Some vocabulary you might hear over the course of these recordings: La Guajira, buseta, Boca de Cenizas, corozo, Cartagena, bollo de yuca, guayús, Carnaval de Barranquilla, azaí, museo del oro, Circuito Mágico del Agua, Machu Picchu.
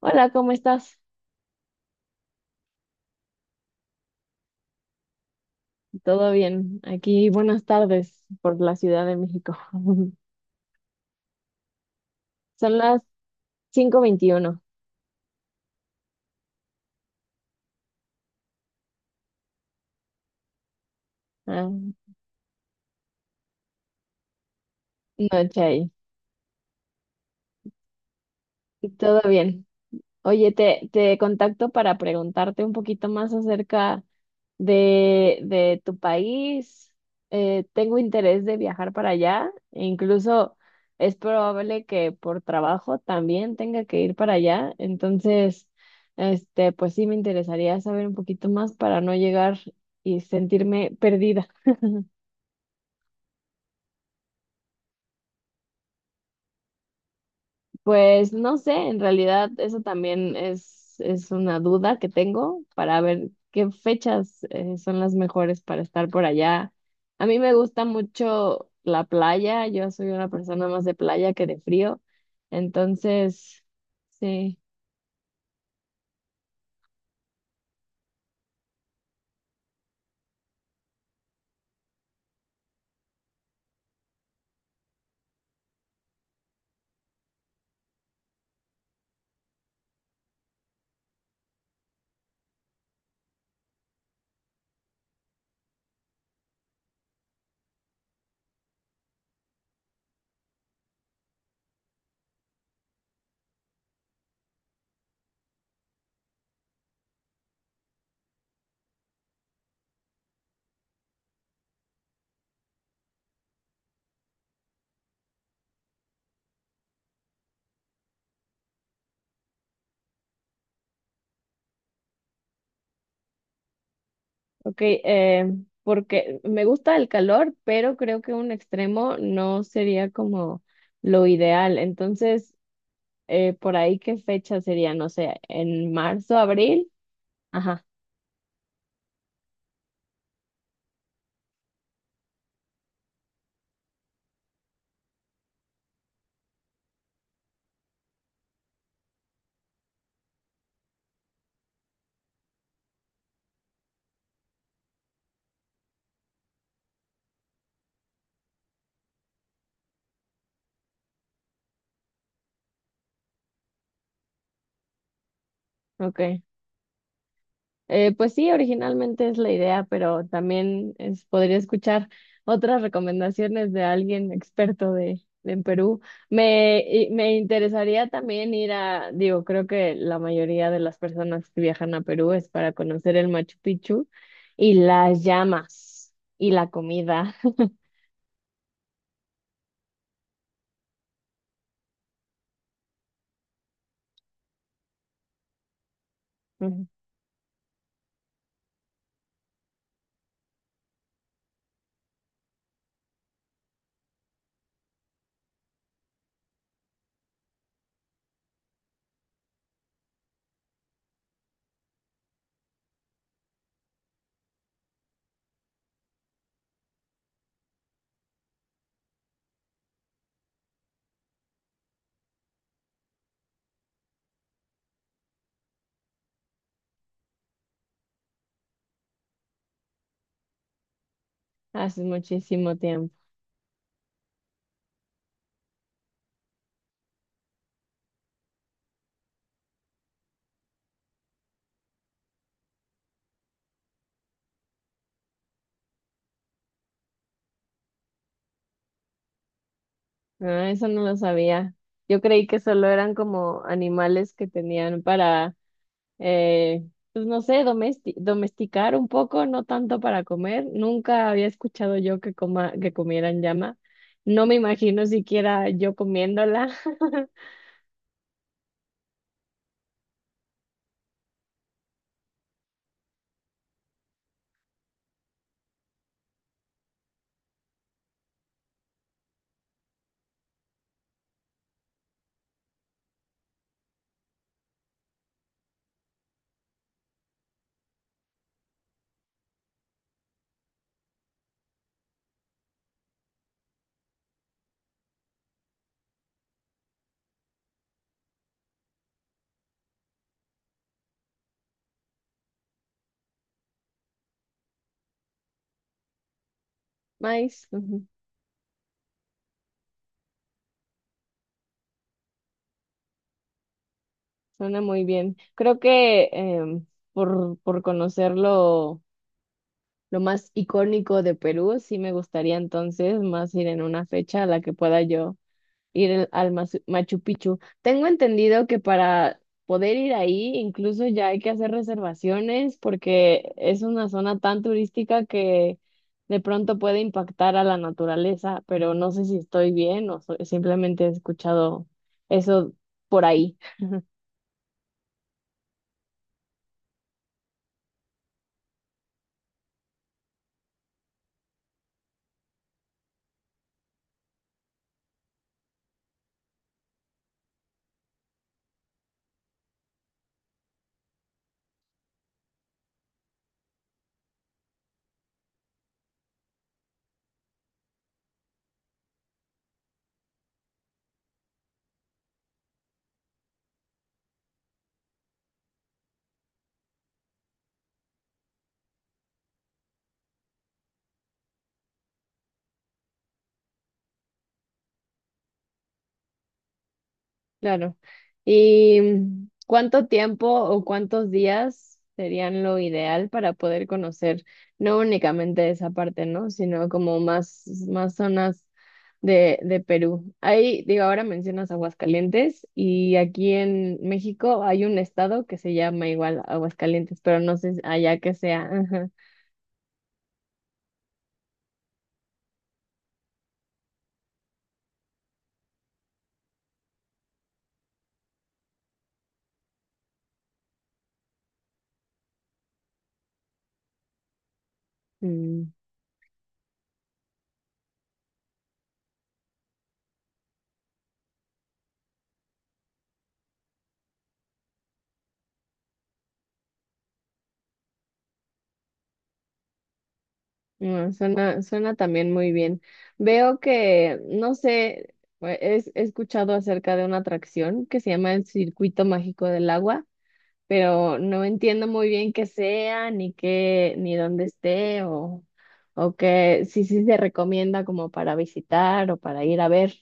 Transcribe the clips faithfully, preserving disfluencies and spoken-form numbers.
Hola, ¿cómo estás? ¿Todo bien? Aquí, buenas tardes por la Ciudad de México. Son las cinco veintiuno, ah, noche ahí. ¿Todo bien? Oye, te, te contacto para preguntarte un poquito más acerca de, de tu país. Eh, tengo interés de viajar para allá. E incluso es probable que por trabajo también tenga que ir para allá. Entonces, este, pues sí me interesaría saber un poquito más para no llegar y sentirme perdida. Pues no sé, en realidad eso también es, es una duda que tengo para ver qué fechas eh, son las mejores para estar por allá. A mí me gusta mucho la playa, yo soy una persona más de playa que de frío, entonces, sí, ok, eh, porque me gusta el calor, pero creo que un extremo no sería como lo ideal, entonces, eh, por ahí qué fecha sería, no sé, en marzo, abril. Ajá. Ok. Eh, pues sí, originalmente es la idea, pero también es- podría escuchar otras recomendaciones de alguien experto de, de en Perú. Me, y- me interesaría también ir a, digo, creo que la mayoría de las personas que viajan a Perú es para conocer el Machu Picchu y las llamas y la comida. Hace muchísimo tiempo. Ah, eso no lo sabía. Yo creí que solo eran como animales que tenían para eh, pues no sé, domesti- domesticar un poco, no tanto para comer. Nunca había escuchado yo que coma, que comieran llama. No me imagino siquiera yo comiéndola. Maíz, ujú. Suena muy bien. Creo que em, por, por conocer lo, lo más icónico de Perú, sí me gustaría entonces más ir en una fecha a la que pueda yo ir al Machu Machu Picchu. Tengo entendido que para poder ir ahí incluso ya hay que hacer reservaciones porque es una zona tan turística que de pronto puede impactar a la naturaleza, pero no sé si estoy bien o so- simplemente he escuchado eso por ahí. Claro. ¿Y mm, cuánto tiempo o cuántos días serían lo ideal para poder conocer no únicamente esa parte? ¿No? Sino como más, más zonas de, de Perú. Ahí, digo, ahora mencionas Aguascalientes y aquí en México hay un estado que se llama igual Aguascalientes, pero no sé allá que sea. Ajá. Mm. Mm, suena, suena también muy bien. Veo que, no sé, eh, es- he escuchado acerca de una atracción que se llama el Circuito Mágico del Agua, pero no entiendo muy bien qué sea, ni qué, ni dónde esté, o, o qué, si sí se recomienda como para visitar o para ir a ver.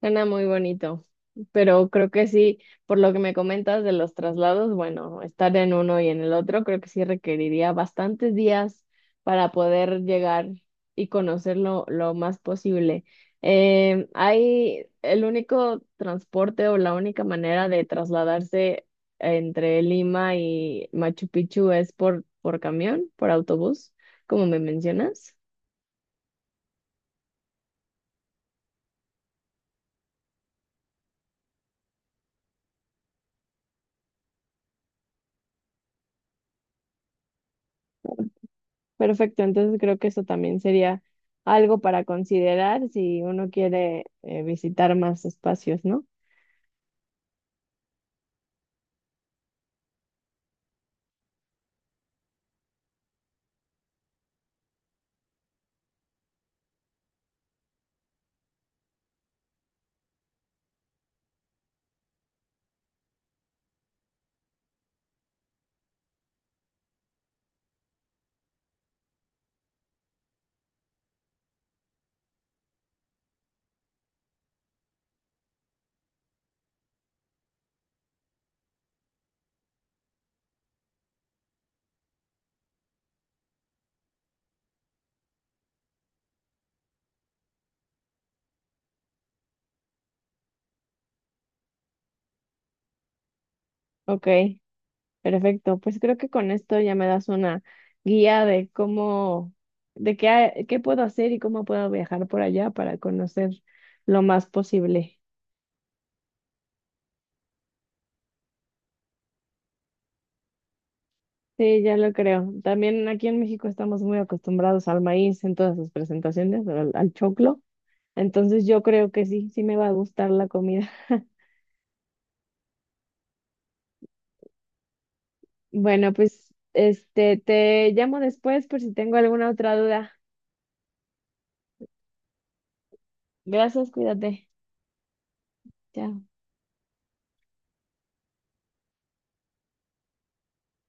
Suena muy bonito, pero creo que sí, por lo que me comentas de los traslados, bueno, estar en uno y en el otro, creo que sí requeriría bastantes días para poder llegar y conocerlo lo más posible. Eh, hay el único transporte o la única manera de trasladarse entre Lima y Machu Picchu es por, por camión, por autobús, como me mencionas. Perfecto, entonces creo que eso también sería algo para considerar si uno quiere eh, visitar más espacios, ¿no? Ok, perfecto. Pues creo que con esto ya me das una guía de cómo, de qué, ha- qué puedo hacer y cómo puedo viajar por allá para conocer lo más posible. Sí, ya lo creo. También aquí en México estamos muy acostumbrados al maíz en todas sus presentaciones, al, al choclo. Entonces yo creo que sí, sí me va a gustar la comida. Bueno, pues este te llamo después por si tengo alguna otra duda. Gracias, cuídate. Chao.